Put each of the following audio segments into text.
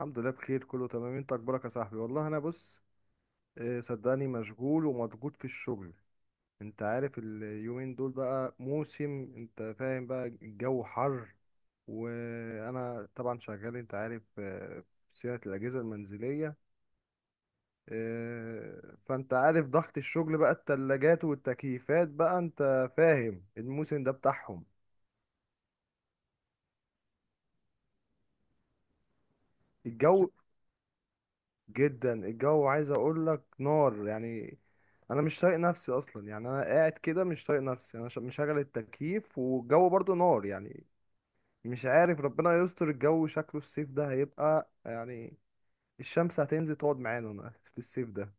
الحمد لله بخير، كله تمام. انت اخبارك يا صاحبي؟ والله انا بص، صدقني مشغول ومضغوط في الشغل. انت عارف اليومين دول بقى موسم، انت فاهم بقى، الجو حر وانا طبعا شغال، انت عارف، في صيانة الاجهزة المنزلية. فانت عارف ضغط الشغل بقى، التلاجات والتكييفات بقى، انت فاهم الموسم ده بتاعهم. الجو جدا، الجو عايز اقول لك نار يعني. انا مش طايق نفسي اصلا يعني، انا قاعد كده مش طايق نفسي، انا مشغل التكييف والجو برضو نار يعني. مش عارف، ربنا يستر، الجو شكله الصيف ده هيبقى يعني الشمس هتنزل تقعد معانا هنا في الصيف ده.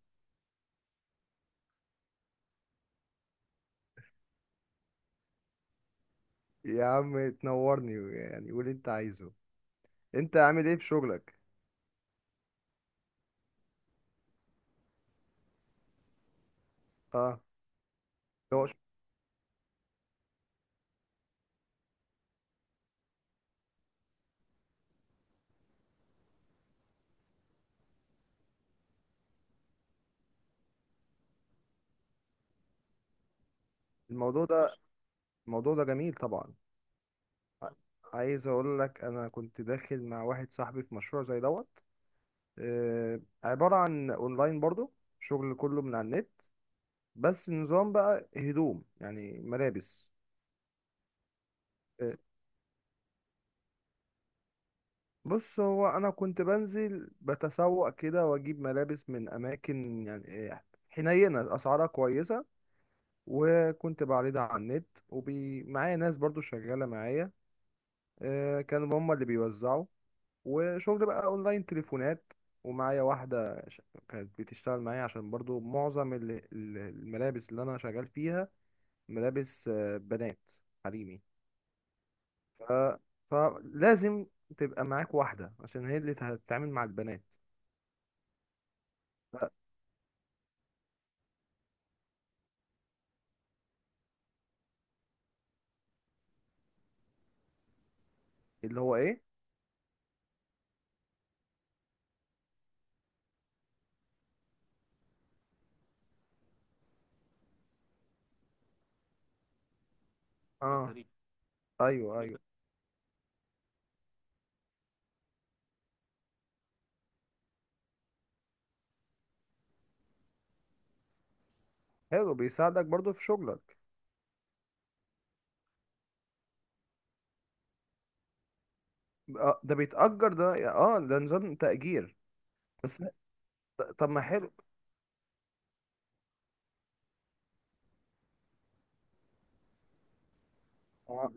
يا عم تنورني يعني، قول اللي انت عايزه. انت عامل ايه في شغلك؟ اه، هو ش- الموضوع ده، الموضوع ده جميل طبعا. ع- عايز اقول لك، انا كنت داخل مع واحد صاحبي في مشروع زي دوت. عبارة عن اونلاين برضو، شغل كله من على النت، بس نظام بقى هدوم يعني ملابس. آه، بص، هو انا كنت بنزل بتسوق كده واجيب ملابس من اماكن يعني، حنينة اسعارها كويسة. وكنت بعرضها على النت ومعايا ناس برضو شغالة معايا، كانوا هما اللي بيوزعوا. وشغل بقى اونلاين تليفونات، ومعايا واحدة كانت بتشتغل معايا، عشان برضو معظم الملابس اللي انا شغال فيها ملابس، بنات، حريمي. ف... فلازم تبقى معاك واحدة، عشان هي اللي هتتعامل مع البنات. ف- اللي هو ايه؟ اه بيسري. ايوه ايوه، حلو بيساعدك برضو في شغلك. ده بيتأجر ده؟ اه، ده نظام تأجير. بس طب ما حلو. آه،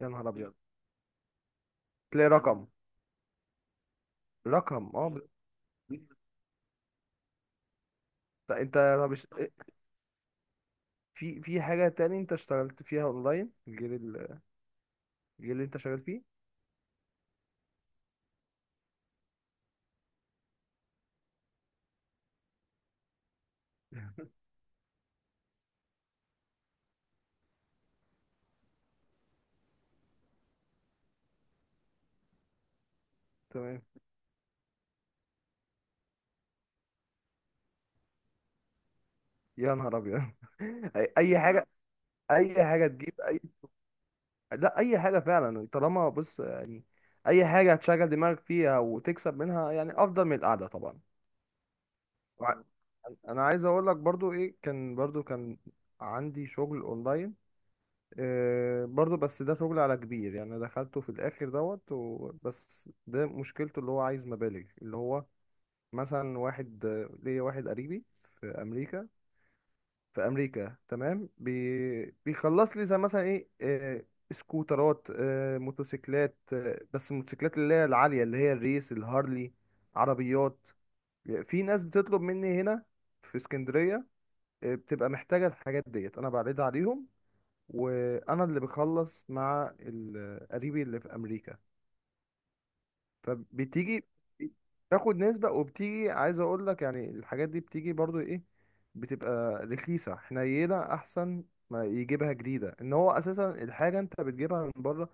يا نهار ابيض. تلاقي رقم، رقم، اه طب انت، طب في حاجة تاني انت اشتغلت فيها اونلاين؟ الجيل اللي انت شغال فيه. تمام. يا نهار ابيض. اي، أي حاجة، اي حاجه تجيب اي. لا، اي حاجه فعلا، طالما، بص يعني، اي حاجه هتشغل دماغك فيها وتكسب منها يعني افضل من القعده طبعا. وع- انا عايز اقول لك برضو ايه، كان برضو كان عندي شغل اونلاين، إيه برضو، بس ده شغل على كبير يعني، دخلته في الاخر دوت بس ده مشكلته اللي هو عايز مبالغ، اللي هو مثلا واحد، ليا واحد قريبي في امريكا. في امريكا، تمام، بيخلص لي زي مثلا ايه، سكوترات، موتوسيكلات، بس الموتوسيكلات اللي هي العاليه، اللي هي الريس الهارلي، عربيات. في ناس بتطلب مني هنا في اسكندريه، بتبقى محتاجه الحاجات ديت، انا بعرضها عليهم، وانا اللي بخلص مع قريبي اللي في امريكا. فبتيجي تاخد نسبة. وبتيجي عايز اقول لك يعني الحاجات دي بتيجي برضو ايه، بتبقى رخيصة حنينة، احسن ما يجيبها جديدة. ان هو اساسا الحاجة انت بتجيبها من بره،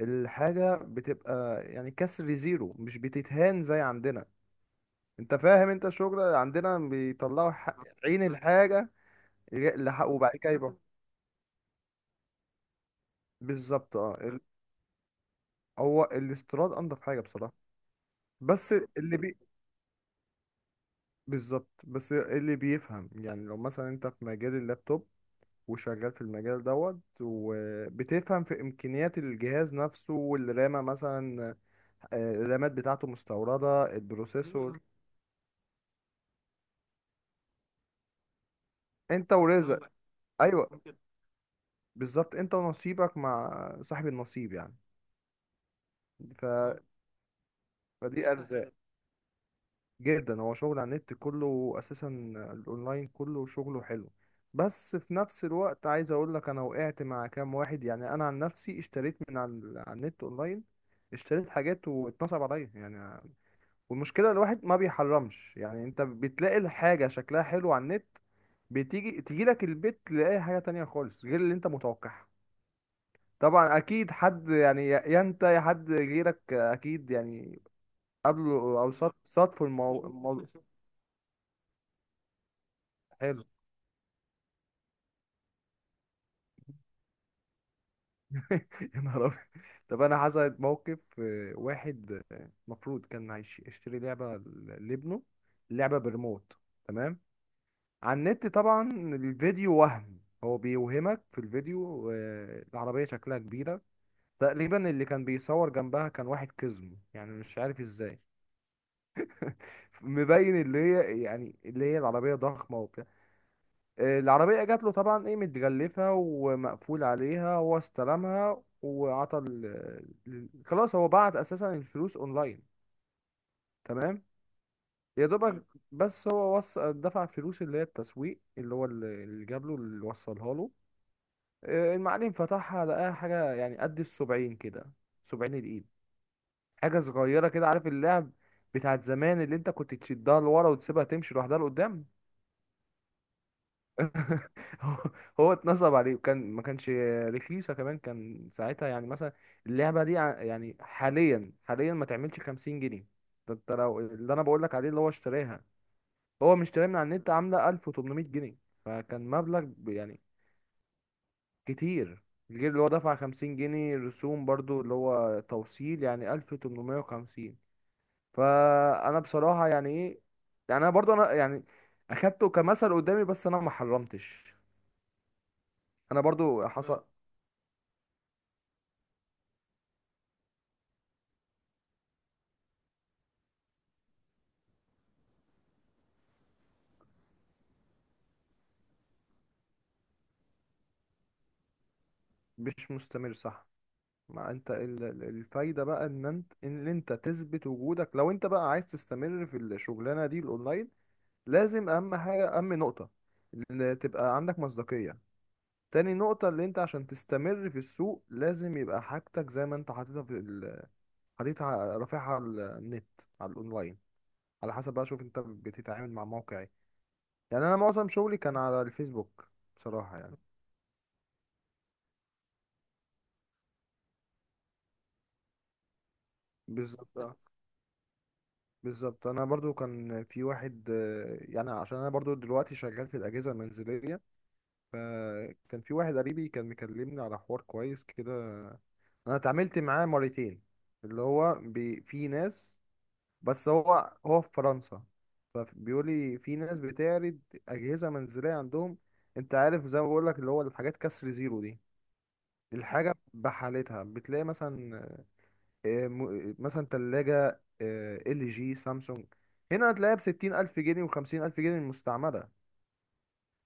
الحاجة بتبقى يعني كسر زيرو، مش بتتهان زي عندنا. انت فاهم، انت الشغل عندنا بيطلعوا عين الحاجة. وبعد كده يبقى بالظبط. اه هو الاستيراد انضف حاجة بصراحة. بس اللي بي بالظبط. بس إيه، اللي بيفهم يعني، لو مثلا انت في مجال اللابتوب، وشغال في المجال دوت، وبتفهم في امكانيات الجهاز نفسه والرامة مثلا، الرامات بتاعته مستوردة، البروسيسور. انت ورزق سامبا. ايوه، بالظبط، انت ونصيبك مع صاحب النصيب يعني. ف... مم. فدي ارزاق جدا. هو شغل على النت كله اساسا، الاونلاين كله شغله حلو. بس في نفس الوقت عايز اقول لك، انا وقعت مع كام واحد يعني، انا عن نفسي اشتريت من على على النت اونلاين، اشتريت حاجات واتنصب عليا يعني. والمشكله الواحد ما بيحرمش يعني، انت بتلاقي الحاجه شكلها حلو على النت، بتيجي لك البيت تلاقي حاجه تانية خالص غير اللي انت متوقعها. طبعا اكيد حد يعني، يا انت يا حد غيرك، اكيد يعني قابله، او صادفوا الموضوع. حلو. يا نهار أبيض. طب أنا حصلت موقف، واحد، المفروض كان يشتري لعبة لابنه، لعبة بريموت، تمام، على النت طبعا، الفيديو وهم، هو بيوهمك في الفيديو، العربية شكلها كبيرة، تقريبا اللي كان بيصور جنبها كان واحد كزم يعني مش عارف ازاي. مبين اللي هي يعني، اللي هي العربية ضخمة وبتاع، العربية جات له طبعا ايه، متغلفة ومقفول عليها، هو استلمها وعطى خلاص، هو بعت اساسا الفلوس اونلاين، تمام. يا دوبك. بس هو دفع فلوس، اللي هي التسويق، اللي هو اللي جاب له، اللي وصلها له، المعلم فتحها لقاها حاجة يعني قد السبعين كده. 70 الايد، حاجة صغيرة كده، عارف اللعب بتاعت زمان اللي انت كنت تشدها لورا وتسيبها تمشي لوحدها لقدام. هو هو اتنصب عليه، وكان ما كانش رخيصة كمان، كان ساعتها يعني مثلا اللعبة دي يعني حاليا حاليا ما تعملش 50 جنيه. ده انت لو اللي انا بقول لك عليه، اللي هو اشتراها، هو مش اشتراها من على النت، عاملة 1800 جنيه. فكان مبلغ يعني كتير. غير اللي هو دفع 50 جنيه رسوم برضو اللي هو توصيل، يعني 1850. فانا بصراحة يعني ايه، يعني انا برضو يعني اخدته كمثل قدامي، بس انا ما حرمتش. انا برضو حصل. مش مستمر، صح. ما انت الفايدة بقى ان انت ان انت تثبت وجودك، لو انت بقى عايز تستمر في الشغلانة دي الاونلاين، لازم اهم حاجة، اهم نقطة، ان تبقى عندك مصداقية. تاني نقطة اللي انت عشان تستمر في السوق، لازم يبقى حاجتك زي ما انت حاططها في حاططها رافعها على النت، على الاونلاين، على حسب بقى، شوف انت بتتعامل مع موقع ايه. يعني انا معظم شغلي كان على الفيسبوك. بصراحة يعني، بالظبط، بالظبط. انا برضو كان في واحد، يعني عشان انا برضو دلوقتي شغال في الاجهزه المنزليه. فكان في واحد قريبي كان مكلمني على حوار كويس كده، انا اتعاملت معاه مرتين، اللي هو بي، في ناس، بس هو في فرنسا. فبيقول لي في ناس بتعرض اجهزه منزليه عندهم، انت عارف زي ما بقول لك اللي هو الحاجات كسر زيرو دي، الحاجه بحالتها، بتلاقي مثلا، مثلا تلاجة ال جي، سامسونج، هنا هتلاقيها بستين ألف جنيه وخمسين ألف جنيه المستعملة،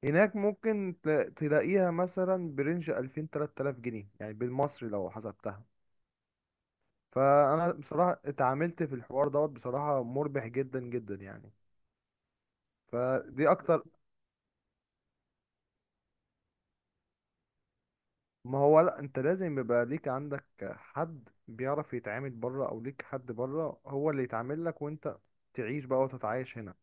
هناك ممكن تلاقيها مثلا برينج 2000 لـ 3000 جنيه يعني بالمصري لو حسبتها. فأنا بصراحة اتعاملت في الحوار دوت بصراحة، مربح جدا جدا يعني. فدي أكتر. ما هو لأ، أنت لازم يبقى ليك، عندك حد بيعرف يتعامل بره، أو ليك حد بره هو اللي يتعامل لك، وأنت تعيش بقى وتتعايش هنا.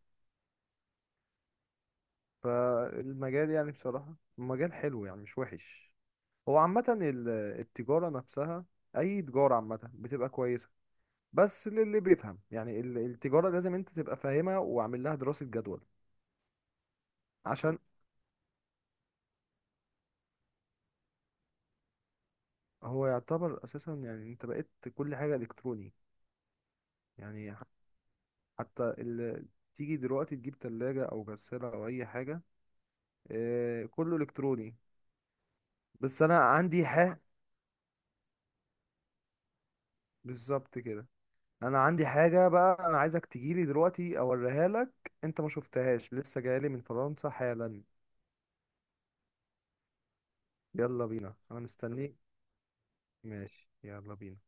فالمجال يعني بصراحة مجال حلو يعني مش وحش. هو عامة التجارة نفسها، أي تجارة عامة بتبقى كويسة بس للي بيفهم يعني، التجارة لازم أنت تبقى فاهمها وعامل لها دراسة جدول، عشان هو يعتبر أساسا يعني أنت بقيت كل حاجة إلكتروني. يعني حتى تيجي دلوقتي تجيب تلاجة أو غسالة أو أي حاجة، كله إلكتروني. بس أنا عندي ح، بالظبط كده. انا عندي حاجه بقى، انا عايزك تجيلي دلوقتي اوريها لك، انت ما شفتهاش، لسه جايلي من فرنسا حالا. يلا بينا انا مستنيك. ماشي يلا بينا.